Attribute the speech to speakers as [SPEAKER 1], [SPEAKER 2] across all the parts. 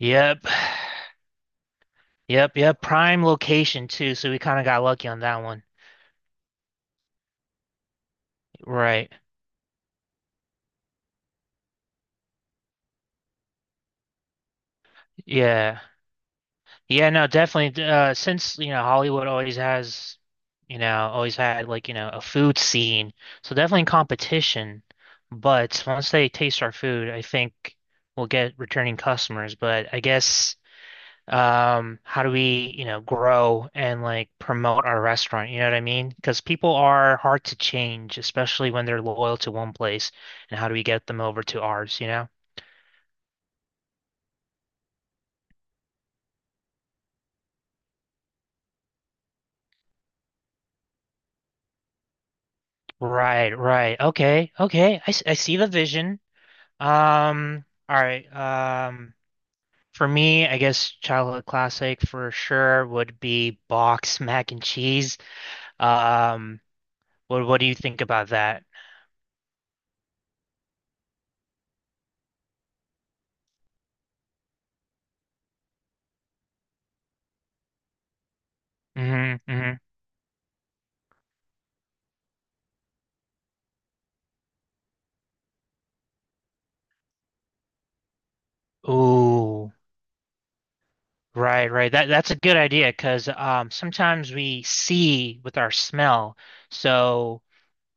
[SPEAKER 1] Yep. Yep. Prime location too, so we kind of got lucky on that one. Right. Yeah. Yeah, no, definitely. Since, Hollywood always had a food scene. So definitely competition. But once they taste our food, I think we'll get returning customers. But I guess how do we grow and like promote our restaurant, what I mean, because people are hard to change, especially when they're loyal to one place, and how do we get them over to ours? Right, right, okay, okay. I see the vision. All right. For me, I guess childhood classic for sure would be box mac and cheese. um what do you think about that? Mm-hmm, mm-hmm. Ooh. Right, right. That's a good idea, because sometimes we see with our smell. So,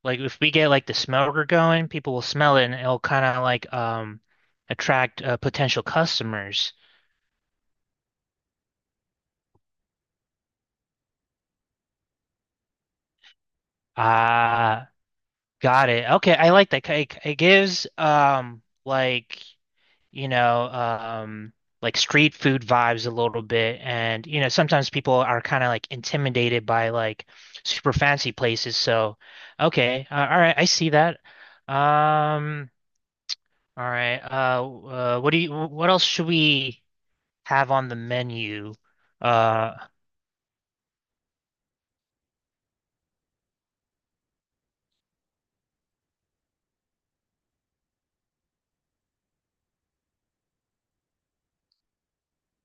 [SPEAKER 1] like, if we get like the smoker going, people will smell it, and it'll kind of like attract potential customers. Ah, got it. Okay, I like that. It gives like, you know, um, like street food vibes a little bit. And, you know, sometimes people are kind of like intimidated by like super fancy places. So, okay, all right, I see that. Um, all right. What else should we have on the menu? Uh,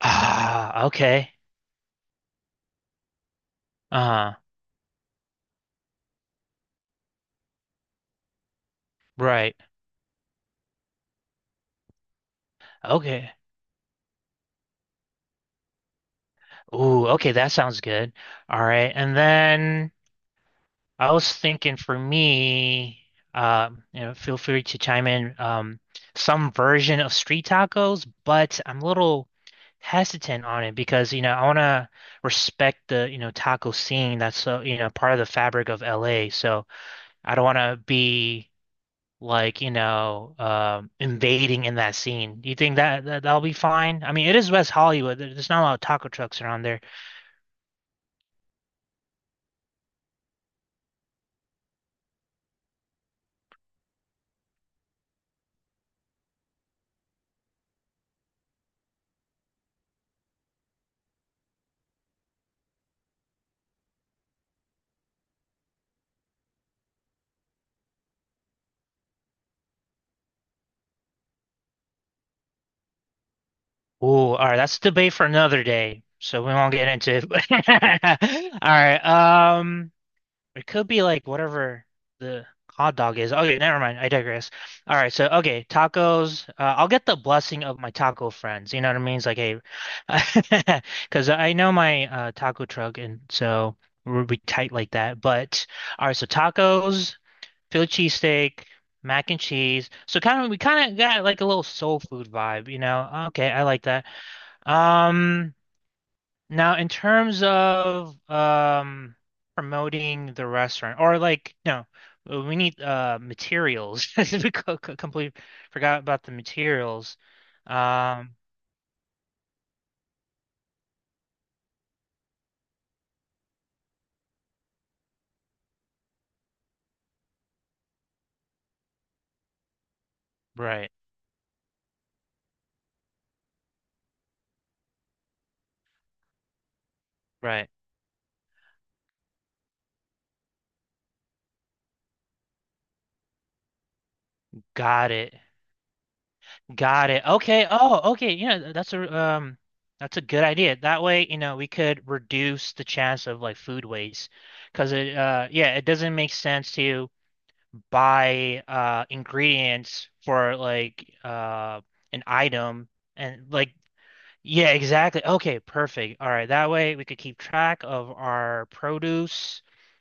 [SPEAKER 1] ah, okay. Uh, right. Okay. Ooh, okay, that sounds good. All right. And then I was thinking for me, you know, feel free to chime in, some version of street tacos, but I'm a little hesitant on it because, you know, I want to respect the, you know, taco scene that's so, you know, part of the fabric of LA. So I don't want to be like, you know, invading in that scene. Do you think that, that'll be fine? I mean, it is West Hollywood. There's not a lot of taco trucks around there. Oh, all right. That's a debate for another day. So we won't get into it. All right. It could be like whatever the hot dog is. Okay, never mind. I digress. All right. So okay, tacos. I'll get the blessing of my taco friends. You know what I mean? It's like, hey, because I know my taco truck, and so we'll be tight like that. But all right. So tacos, Philly cheesesteak. Mac and cheese. So we kind of got like a little soul food vibe, you know. Okay, I like that. Um, now in terms of promoting the restaurant or like no, we need materials. We completely forgot about the materials. Um, right, right. Got it. Got it. Okay. Oh, okay. You know, that's a good idea. That way, you know, we could reduce the chance of like food waste, because it yeah, it doesn't make sense to buy ingredients for like an item, and like yeah, exactly. Okay, perfect. All right, that way we could keep track of our produce,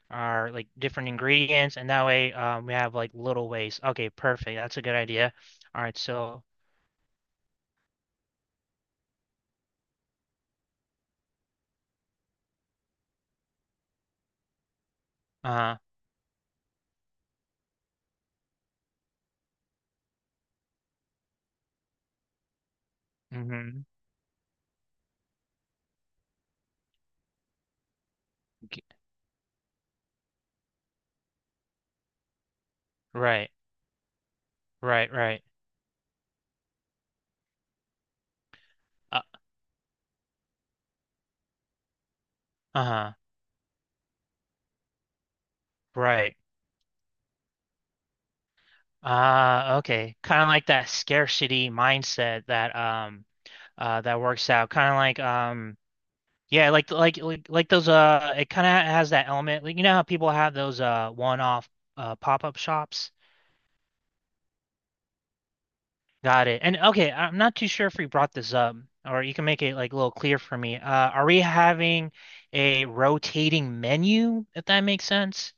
[SPEAKER 1] our like different ingredients, and that way we have like little waste. Okay, perfect. That's a good idea. All right, so uh mm-hmm. Right, right, right. Uh, uh-huh. Right. Okay. Kind of like that scarcity mindset that that works out. Kind of like yeah, like those it kind of has that element. Like you know how people have those one-off pop-up shops? Got it. And okay, I'm not too sure if we brought this up or you can make it like a little clear for me. Are we having a rotating menu, if that makes sense?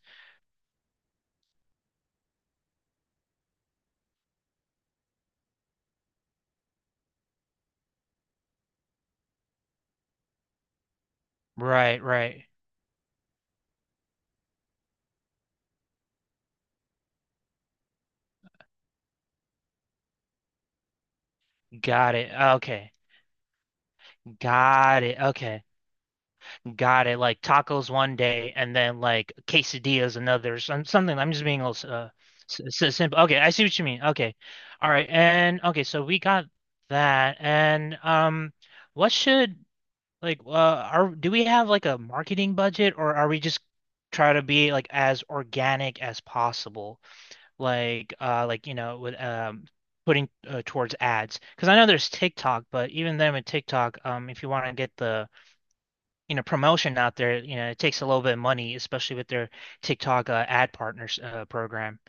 [SPEAKER 1] Right, right. Got it. Okay. Got it. Okay. Got it, like tacos one day and then like quesadillas another, something I'm just being a little simple. Okay, I see what you mean. Okay, all right. And okay, so we got that, and what should, are, do we have like a marketing budget, or are we just try to be like as organic as possible, like you know, with putting towards ads? Because I know there's TikTok, but even then, with TikTok, if you want to get the, you know, promotion out there, you know, it takes a little bit of money, especially with their TikTok ad partners program.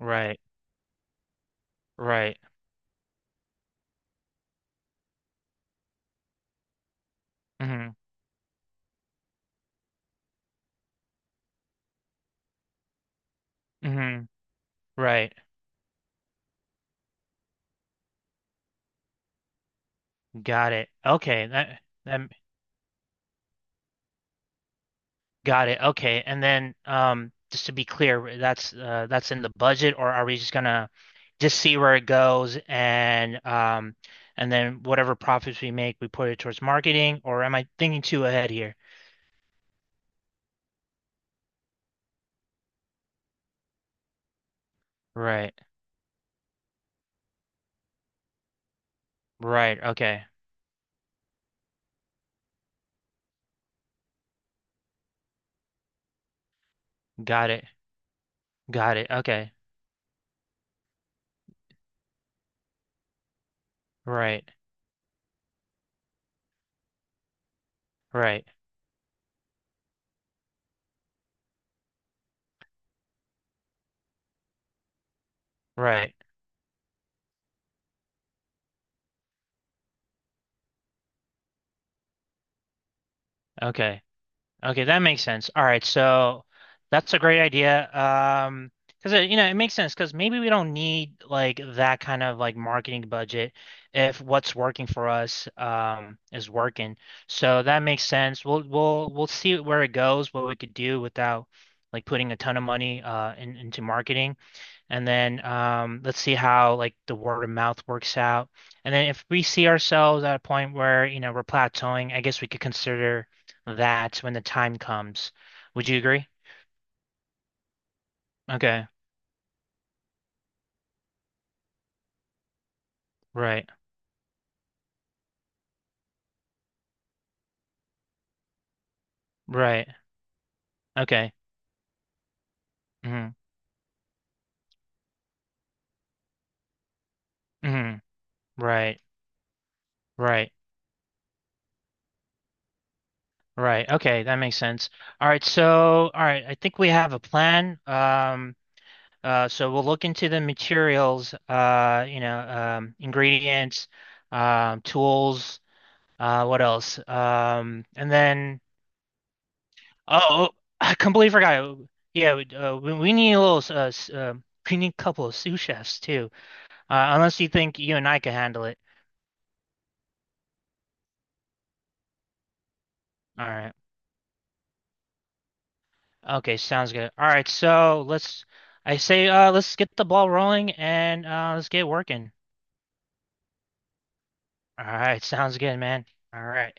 [SPEAKER 1] Right, right. Mm-hmm, mm-hmm. Right. Got it. Okay, that, that, got it. Okay. And then just to be clear, that's in the budget, or are we just gonna just see where it goes, and then whatever profits we make, we put it towards marketing? Or am I thinking too ahead here? Right, right. Okay. Got it. Got it. Okay. Right, right. Right. Okay. Okay, that makes sense. All right, so that's a great idea. Because it, you know, it makes sense, because maybe we don't need like that kind of like marketing budget if what's working for us is working. So that makes sense. We'll see where it goes, what we could do without like putting a ton of money into marketing. And then let's see how like the word of mouth works out. And then if we see ourselves at a point where, you know, we're plateauing, I guess we could consider that when the time comes. Would you agree? Okay. Right. Right. Okay. Hmm. Hmm. Right. Right. Right. Okay, that makes sense. All right, so all right, I think we have a plan. So we'll look into the materials, you know, ingredients, tools. What else? And then oh, oh, I completely forgot. Yeah, we need a little we need a couple of sous chefs too. Unless you think you and I can handle it. All right. Okay, sounds good. All right, so let's. I say, let's get the ball rolling, and let's get working. All right, sounds good, man. All right.